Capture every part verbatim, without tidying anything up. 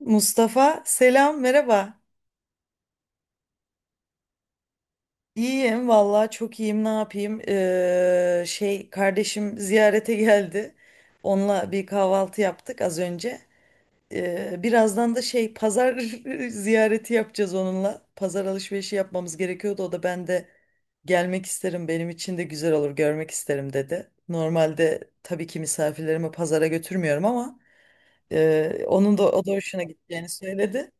Mustafa selam merhaba. İyiyim vallahi çok iyiyim ne yapayım. Ee, şey kardeşim ziyarete geldi. Onunla bir kahvaltı yaptık az önce. Ee, birazdan da şey pazar ziyareti yapacağız onunla. Pazar alışverişi yapmamız gerekiyordu. O da ben de gelmek isterim benim için de güzel olur görmek isterim dedi. Normalde tabii ki misafirlerimi pazara götürmüyorum ama e, onun da o da hoşuna gideceğini söyledi.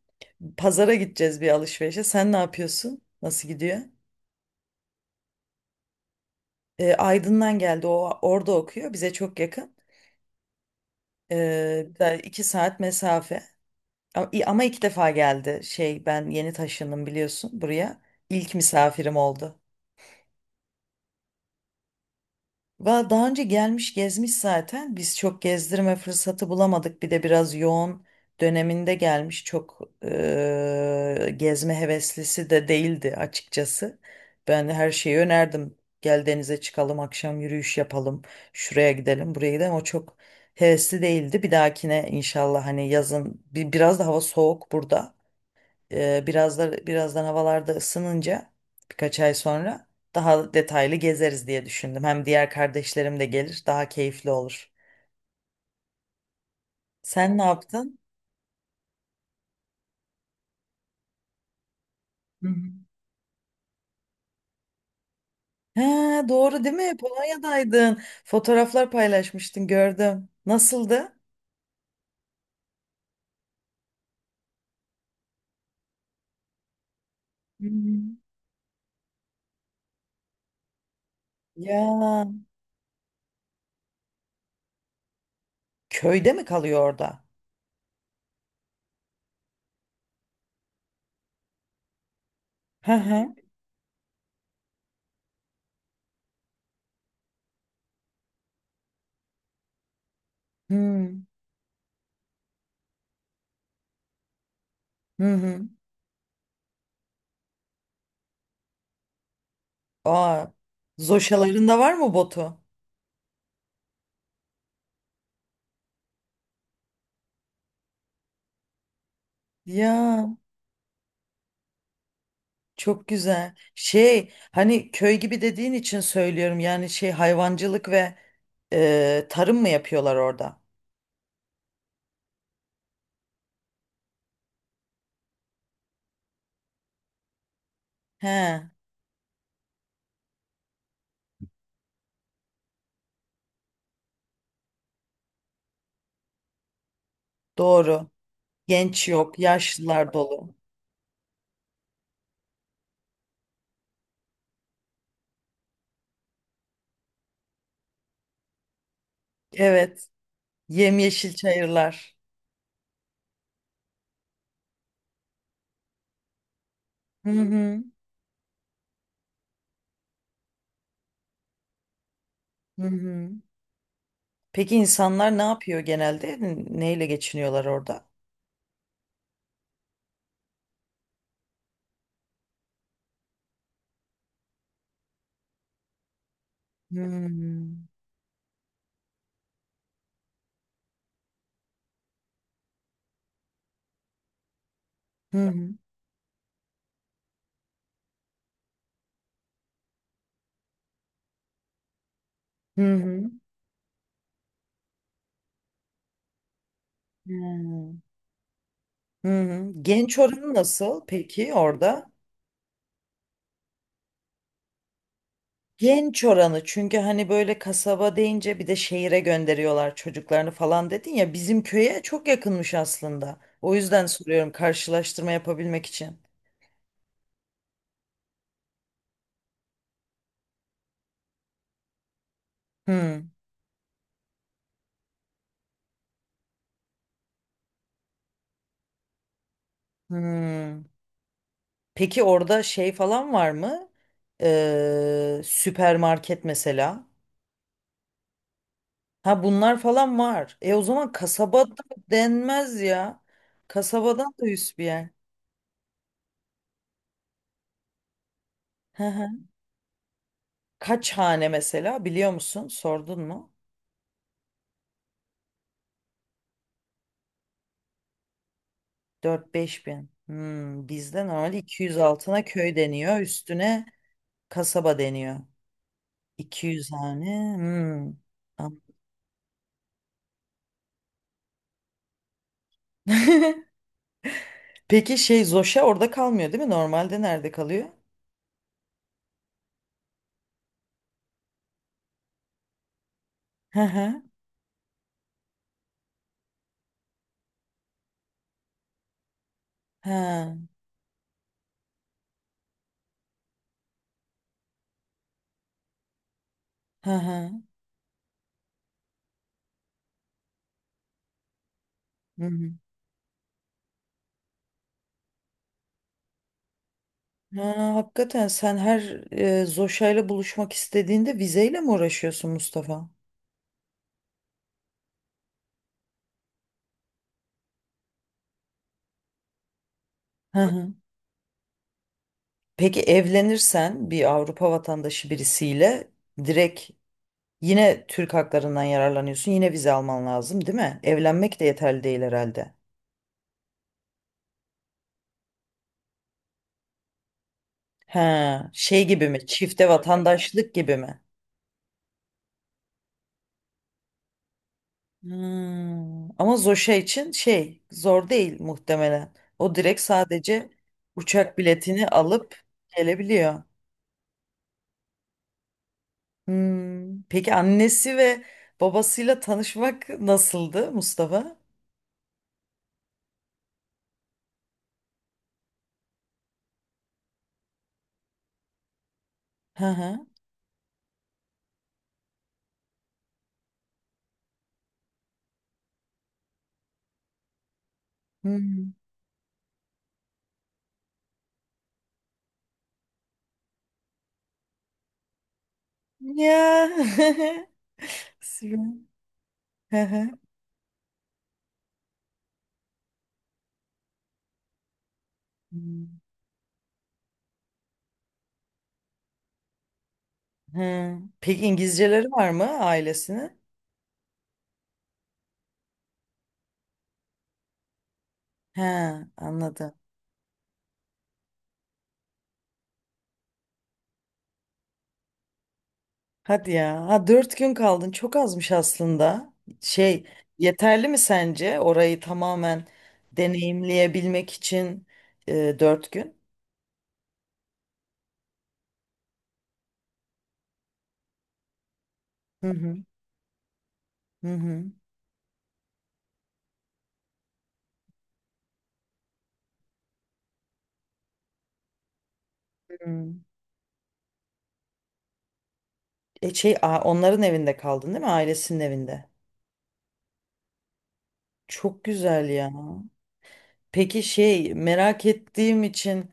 Pazara gideceğiz bir alışverişe. Sen ne yapıyorsun? Nasıl gidiyor? E, Aydın'dan geldi. O orada okuyor. Bize çok yakın. E, Da iki saat mesafe. A- i- Ama iki defa geldi. Şey ben yeni taşındım biliyorsun buraya. İlk misafirim oldu. Va- Daha önce gelmiş gezmiş zaten. Biz çok gezdirme fırsatı bulamadık. Bir de biraz yoğun döneminde gelmiş. Çok eee, gezme heveslisi de değildi açıkçası. Ben her şeyi önerdim. Gel denize çıkalım, akşam yürüyüş yapalım, şuraya gidelim, buraya gidelim. O çok hevesli değildi. Bir dahakine inşallah hani yazın bir, biraz da hava soğuk burada. Ee, biraz da birazdan havalarda ısınınca birkaç ay sonra daha detaylı gezeriz diye düşündüm. Hem diğer kardeşlerim de gelir, daha keyifli olur. Sen ne yaptın? Hı hı. Ha, doğru değil mi? Polonya'daydın. Fotoğraflar paylaşmıştın, gördüm. Nasıldı? Hı hı. Ya köyde mi kalıyor orada? Hı hı. Hmm. Hı hı. Aa, zoşaların da var mı botu? Ya. Çok güzel. Şey hani köy gibi dediğin için söylüyorum yani şey hayvancılık ve e, tarım mı yapıyorlar orada? He, doğru. Genç yok, yaşlılar dolu. Evet, yemyeşil çayırlar. Hı hı, hı hı. Peki insanlar ne yapıyor genelde? N- Neyle geçiniyorlar orada? Hı hı, hı hı, hı hı. Hı hı. Genç oranı nasıl peki orada? Genç oranı çünkü hani böyle kasaba deyince bir de şehire gönderiyorlar çocuklarını falan dedin ya bizim köye çok yakınmış aslında. O yüzden soruyorum karşılaştırma yapabilmek için. Hmm, hmm. Peki orada şey falan var mı? Ee, süpermarket mesela. Ha bunlar falan var. E o zaman kasabada denmez ya. Kasabadan da üst bir yer. Hı hı. Kaç hane mesela biliyor musun? Sordun mu? Dört beş bin. Hmm, bizde normalde iki yüz altına köy deniyor. Üstüne kasaba deniyor. iki yüz hane. Hmm. An- Peki şey Zoşa orada kalmıyor değil mi? Normalde nerede kalıyor? Hı hı. Ha. Hı hı. Hı hı. Ha, hakikaten sen her e, Zoşa'yla buluşmak istediğinde vizeyle mi uğraşıyorsun Mustafa? Hı hı. Peki evlenirsen bir Avrupa vatandaşı birisiyle direkt yine Türk haklarından yararlanıyorsun. Yine vize alman lazım, değil mi? Evlenmek de yeterli değil herhalde. Ha, şey gibi mi? Çifte vatandaşlık gibi mi? Hmm, ama Zoşa için şey zor değil muhtemelen. O direkt sadece uçak biletini alıp gelebiliyor. Hmm, peki annesi ve babasıyla tanışmak nasıldı Mustafa? Hı hı. Hmm. Ya. Süper. Hı hı. Hmm. He. Peki İngilizceleri var mı ailesini? He, anladım. Hadi ya. Ha, dört gün kaldın. Çok azmış aslında. Şey, yeterli mi sence orayı tamamen deneyimleyebilmek için e, dört gün? Hı hı. Hı hı. Hı. E şey, a- onların evinde kaldın değil mi? Ailesinin evinde. Çok güzel ya. Peki şey merak ettiğim için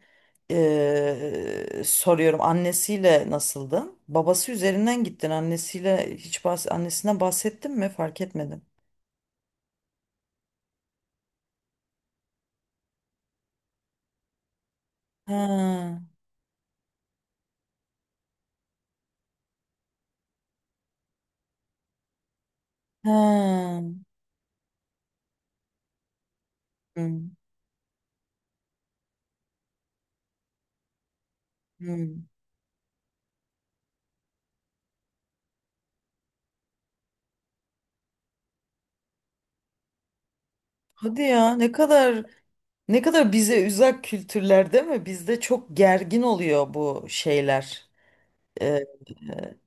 eee, soruyorum annesiyle nasıldın? Babası üzerinden gittin annesiyle hiç bahs annesinden bahsettin mi? Fark etmedim. Ha, ha. Hı, hı. Hadi ya ne kadar ne kadar bize uzak kültürler değil mi? Bizde çok gergin oluyor bu şeyler. Eee, eee,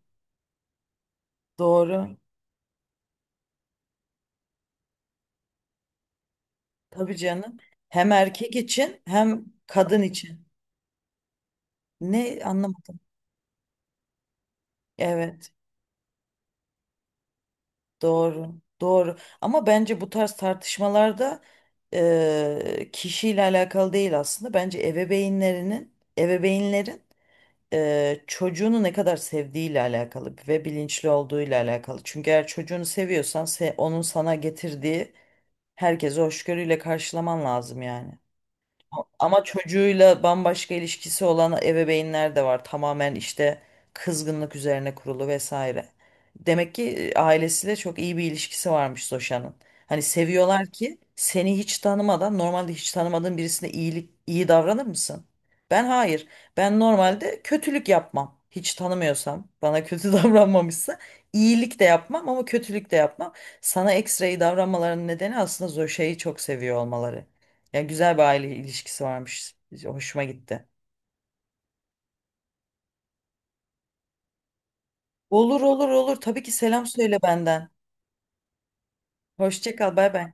doğru. Tabii canım. Hem erkek için hem kadın için. Ne anlamadım. Evet. Doğru, doğru. Ama bence bu tarz tartışmalarda eee kişiyle alakalı değil aslında. Bence ebeveynlerinin, ebeveynlerin eee çocuğunu ne kadar sevdiğiyle alakalı ve bilinçli olduğuyla alakalı. Çünkü eğer çocuğunu seviyorsan se- onun sana getirdiği herkese hoşgörüyle karşılaman lazım yani. Ama çocuğuyla bambaşka ilişkisi olan ebeveynler de var. Tamamen işte kızgınlık üzerine kurulu vesaire. Demek ki e, ailesiyle çok iyi bir ilişkisi varmış Zoşan'ın. Hani seviyorlar ki seni hiç tanımadan normalde hiç tanımadığın birisine iyilik iyi davranır mısın? Ben hayır. Ben normalde kötülük yapmam. Hiç tanımıyorsam bana kötü davranmamışsa iyilik de yapmam ama kötülük de yapmam. Sana ekstra iyi davranmalarının nedeni aslında Zoşa'yı çok seviyor olmaları. Ya güzel bir aile ilişkisi varmış. Hoşuma gitti. Olur olur olur. Tabii ki selam söyle benden. Hoşça kal. Bay bay.